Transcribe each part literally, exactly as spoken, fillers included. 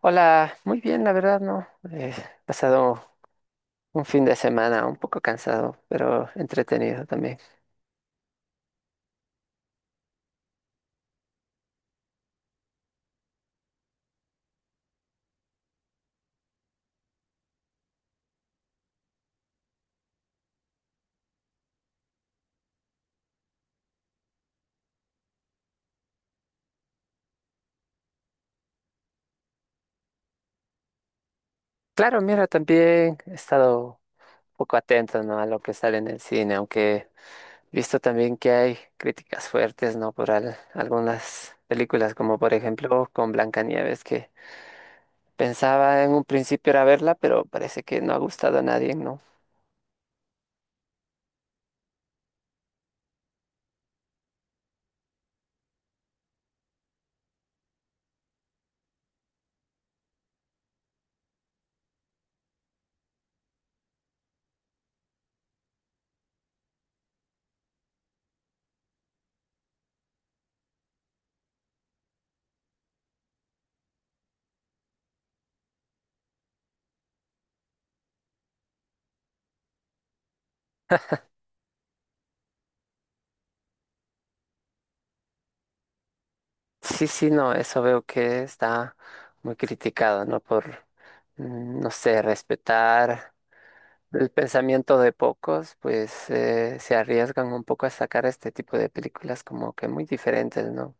Hola, muy bien, la verdad, ¿no? He pasado un fin de semana un poco cansado, pero entretenido también. Claro, mira, también he estado un poco atento, ¿no? A lo que sale en el cine, aunque he visto también que hay críticas fuertes, ¿no? Por al- algunas películas, como por ejemplo con Blancanieves, que pensaba en un principio era verla, pero parece que no ha gustado a nadie, ¿no? Sí, sí, no, eso veo que está muy criticado, ¿no? Por, mm, no sé, respetar. El pensamiento de pocos, pues eh, se arriesgan un poco a sacar este tipo de películas como que muy diferentes, ¿no?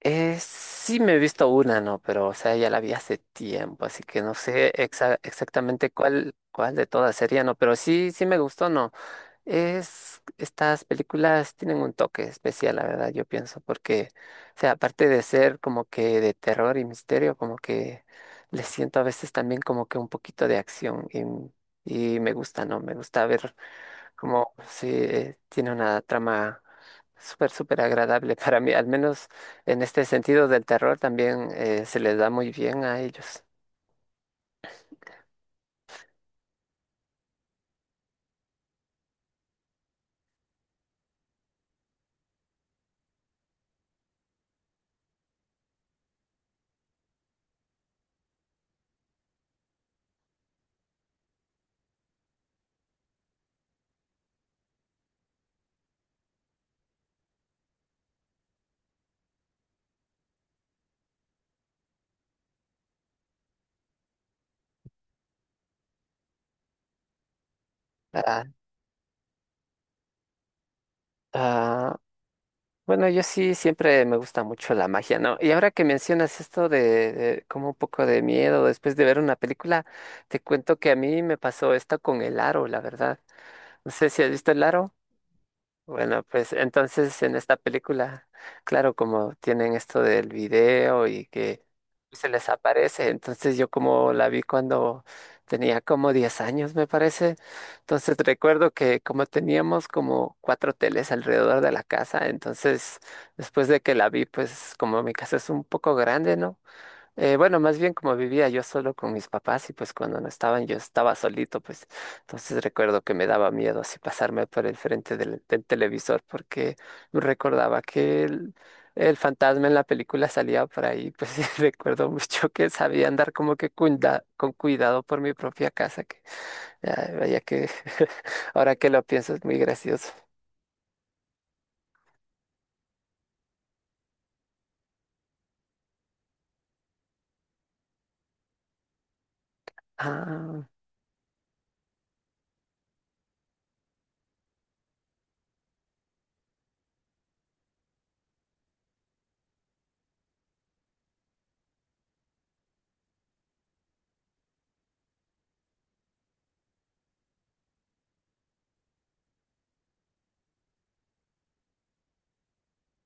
Eh, sí me he visto una, ¿no? Pero, o sea, ya la vi hace tiempo, así que no sé exa- exactamente cuál, cuál de todas sería, ¿no? Pero sí, sí me gustó, ¿no? Es, estas películas tienen un toque especial, la verdad, yo pienso, porque, o sea, aparte de ser como que de terror y misterio, como que les siento a veces también como que un poquito de acción y, y me gusta, ¿no? Me gusta ver como si tiene una trama súper, súper agradable para mí, al menos en este sentido del terror también eh, se les da muy bien a ellos. Ah, ah, Bueno, yo sí siempre me gusta mucho la magia, ¿no? Y ahora que mencionas esto de, de como un poco de miedo después de ver una película, te cuento que a mí me pasó esto con el aro, la verdad. No sé si has visto el aro. Bueno, pues entonces en esta película, claro, como tienen esto del video y que se les aparece, entonces yo como la vi cuando tenía como diez años, me parece, entonces recuerdo que como teníamos como cuatro teles alrededor de la casa, entonces después de que la vi, pues como mi casa es un poco grande, ¿no? Eh, bueno, más bien como vivía yo solo con mis papás y pues cuando no estaban yo estaba solito, pues entonces recuerdo que me daba miedo así pasarme por el frente del, del televisor porque recordaba que el, el fantasma en la película salía por ahí, pues y recuerdo mucho que sabía andar como que cuida- con cuidado por mi propia casa, que ah, vaya que ahora que lo pienso es muy gracioso. Ah,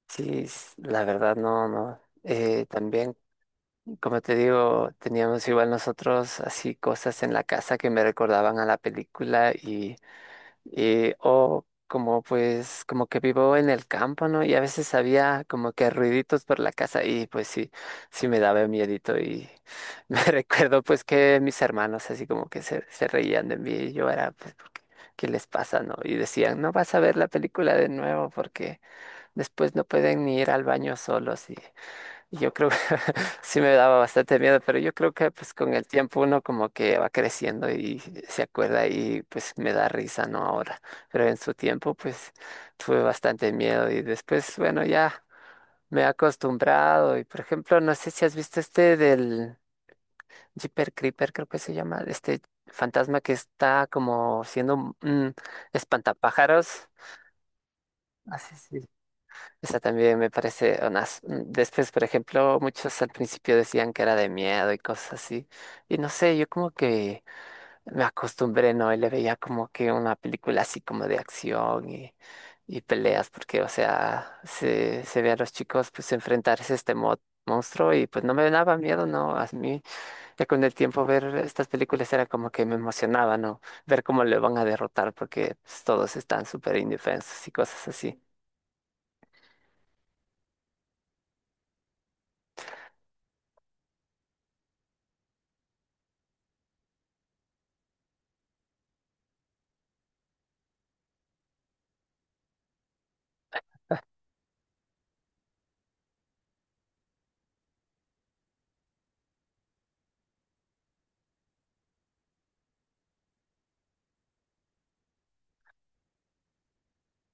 sí, s- la verdad no, no. Eh, también como te digo, teníamos igual nosotros así cosas en la casa que me recordaban a la película y, y o como pues como que vivo en el campo, ¿no? Y a veces había como que ruiditos por la casa y pues sí, sí me daba miedito y me recuerdo pues que mis hermanos así como que se, se reían de mí y yo era pues porque, ¿qué les pasa, no? Y decían, no vas a ver la película de nuevo porque después no pueden ni ir al baño solos yo creo que sí me daba bastante miedo, pero yo creo que pues con el tiempo uno como que va creciendo y se acuerda y pues me da risa, ¿no? Ahora, pero en su tiempo pues tuve bastante miedo y después, bueno, ya me he acostumbrado y por ejemplo, no sé si has visto este del Jeeper Creeper, creo que se llama, este fantasma que está como siendo un un espantapájaros. Así esa también me parece unas... mm, Después, por ejemplo, muchos al principio decían que era de miedo y cosas así. Y no sé, yo como que me acostumbré, ¿no? Y le veía como que una película así como de acción y, y peleas, porque, o sea, se, se ve a los chicos pues enfrentarse a este mo- monstruo y pues no me daba miedo, ¿no? A mí, ya con el tiempo ver estas películas era como que me emocionaba, ¿no? Ver cómo le van a derrotar porque pues, todos están súper indefensos y cosas así.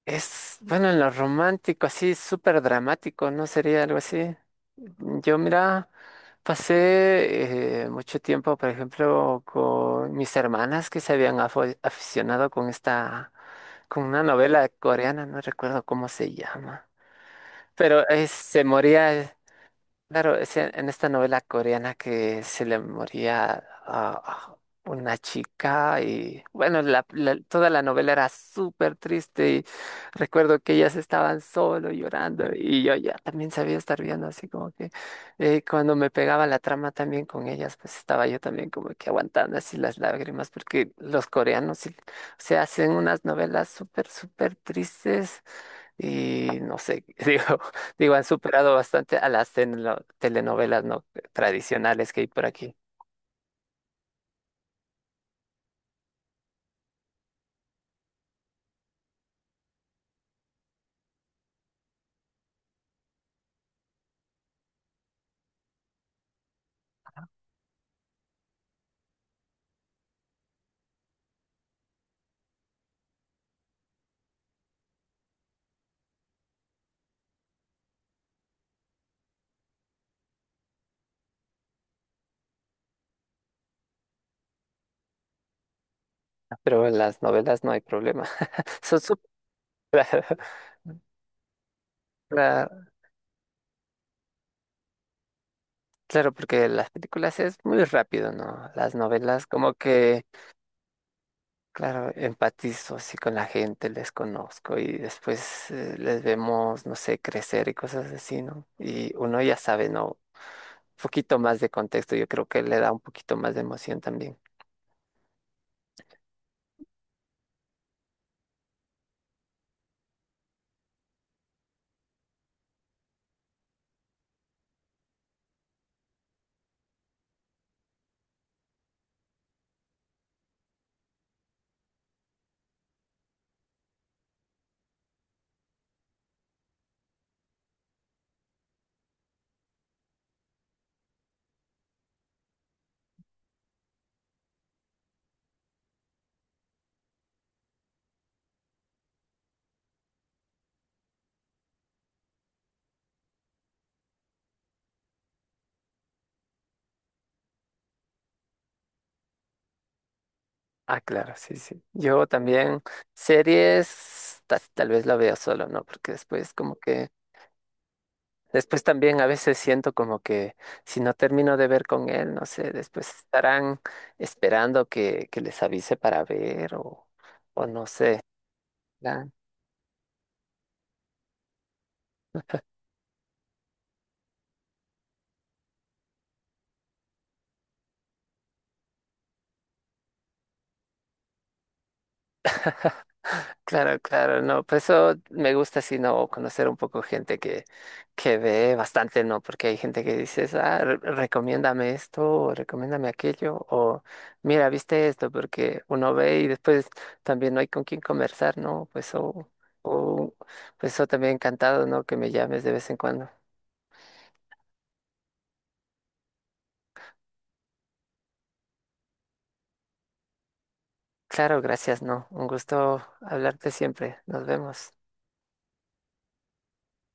Es, bueno, en lo romántico, así súper dramático, ¿no? Sería algo así. Yo, mira, pasé eh, mucho tiempo, por ejemplo, con mis hermanas que se habían afo- aficionado con esta, con una novela coreana, no recuerdo cómo se llama, pero eh, se moría. Claro, es en, en esta novela coreana que se le moría a a una chica y bueno, la- la- toda la novela era súper triste y recuerdo que ellas estaban solo llorando y yo ya también sabía estar viendo así como que eh, cuando me pegaba la trama también con ellas, pues estaba yo también como que aguantando así las lágrimas porque los coreanos sí- se hacen unas novelas súper, súper tristes y no sé, digo, digo, han superado bastante a las tenelo- telenovelas no tradicionales que hay por aquí. Pero en las novelas no hay problema. Son súper Claro, claro, porque las películas es muy rápido, ¿no? Las novelas como que, claro, empatizo así con la gente, les conozco y después eh, les vemos, no sé, crecer y cosas así, ¿no? Y uno ya sabe, ¿no? Un poquito más de contexto, yo creo que le da un poquito más de emoción también. Ah, claro, sí, sí. Yo también series ta- tal vez la veo solo, ¿no? Porque después como que, después también a veces siento como que si no termino de ver con él, no sé, después estarán esperando que, que les avise para ver o, o no sé. Claro, claro, no, pues eso me gusta así, ¿no? Conocer un poco gente que, que ve bastante, ¿no? Porque hay gente que dices, ah, re- recomiéndame esto, o recomiéndame aquello, o mira, viste esto, porque uno ve y después también no hay con quién conversar, ¿no? Pues o o pues eso también encantado, ¿no? Que me llames de vez en cuando. Claro, gracias, ¿no? Un gusto hablarte siempre. Nos vemos.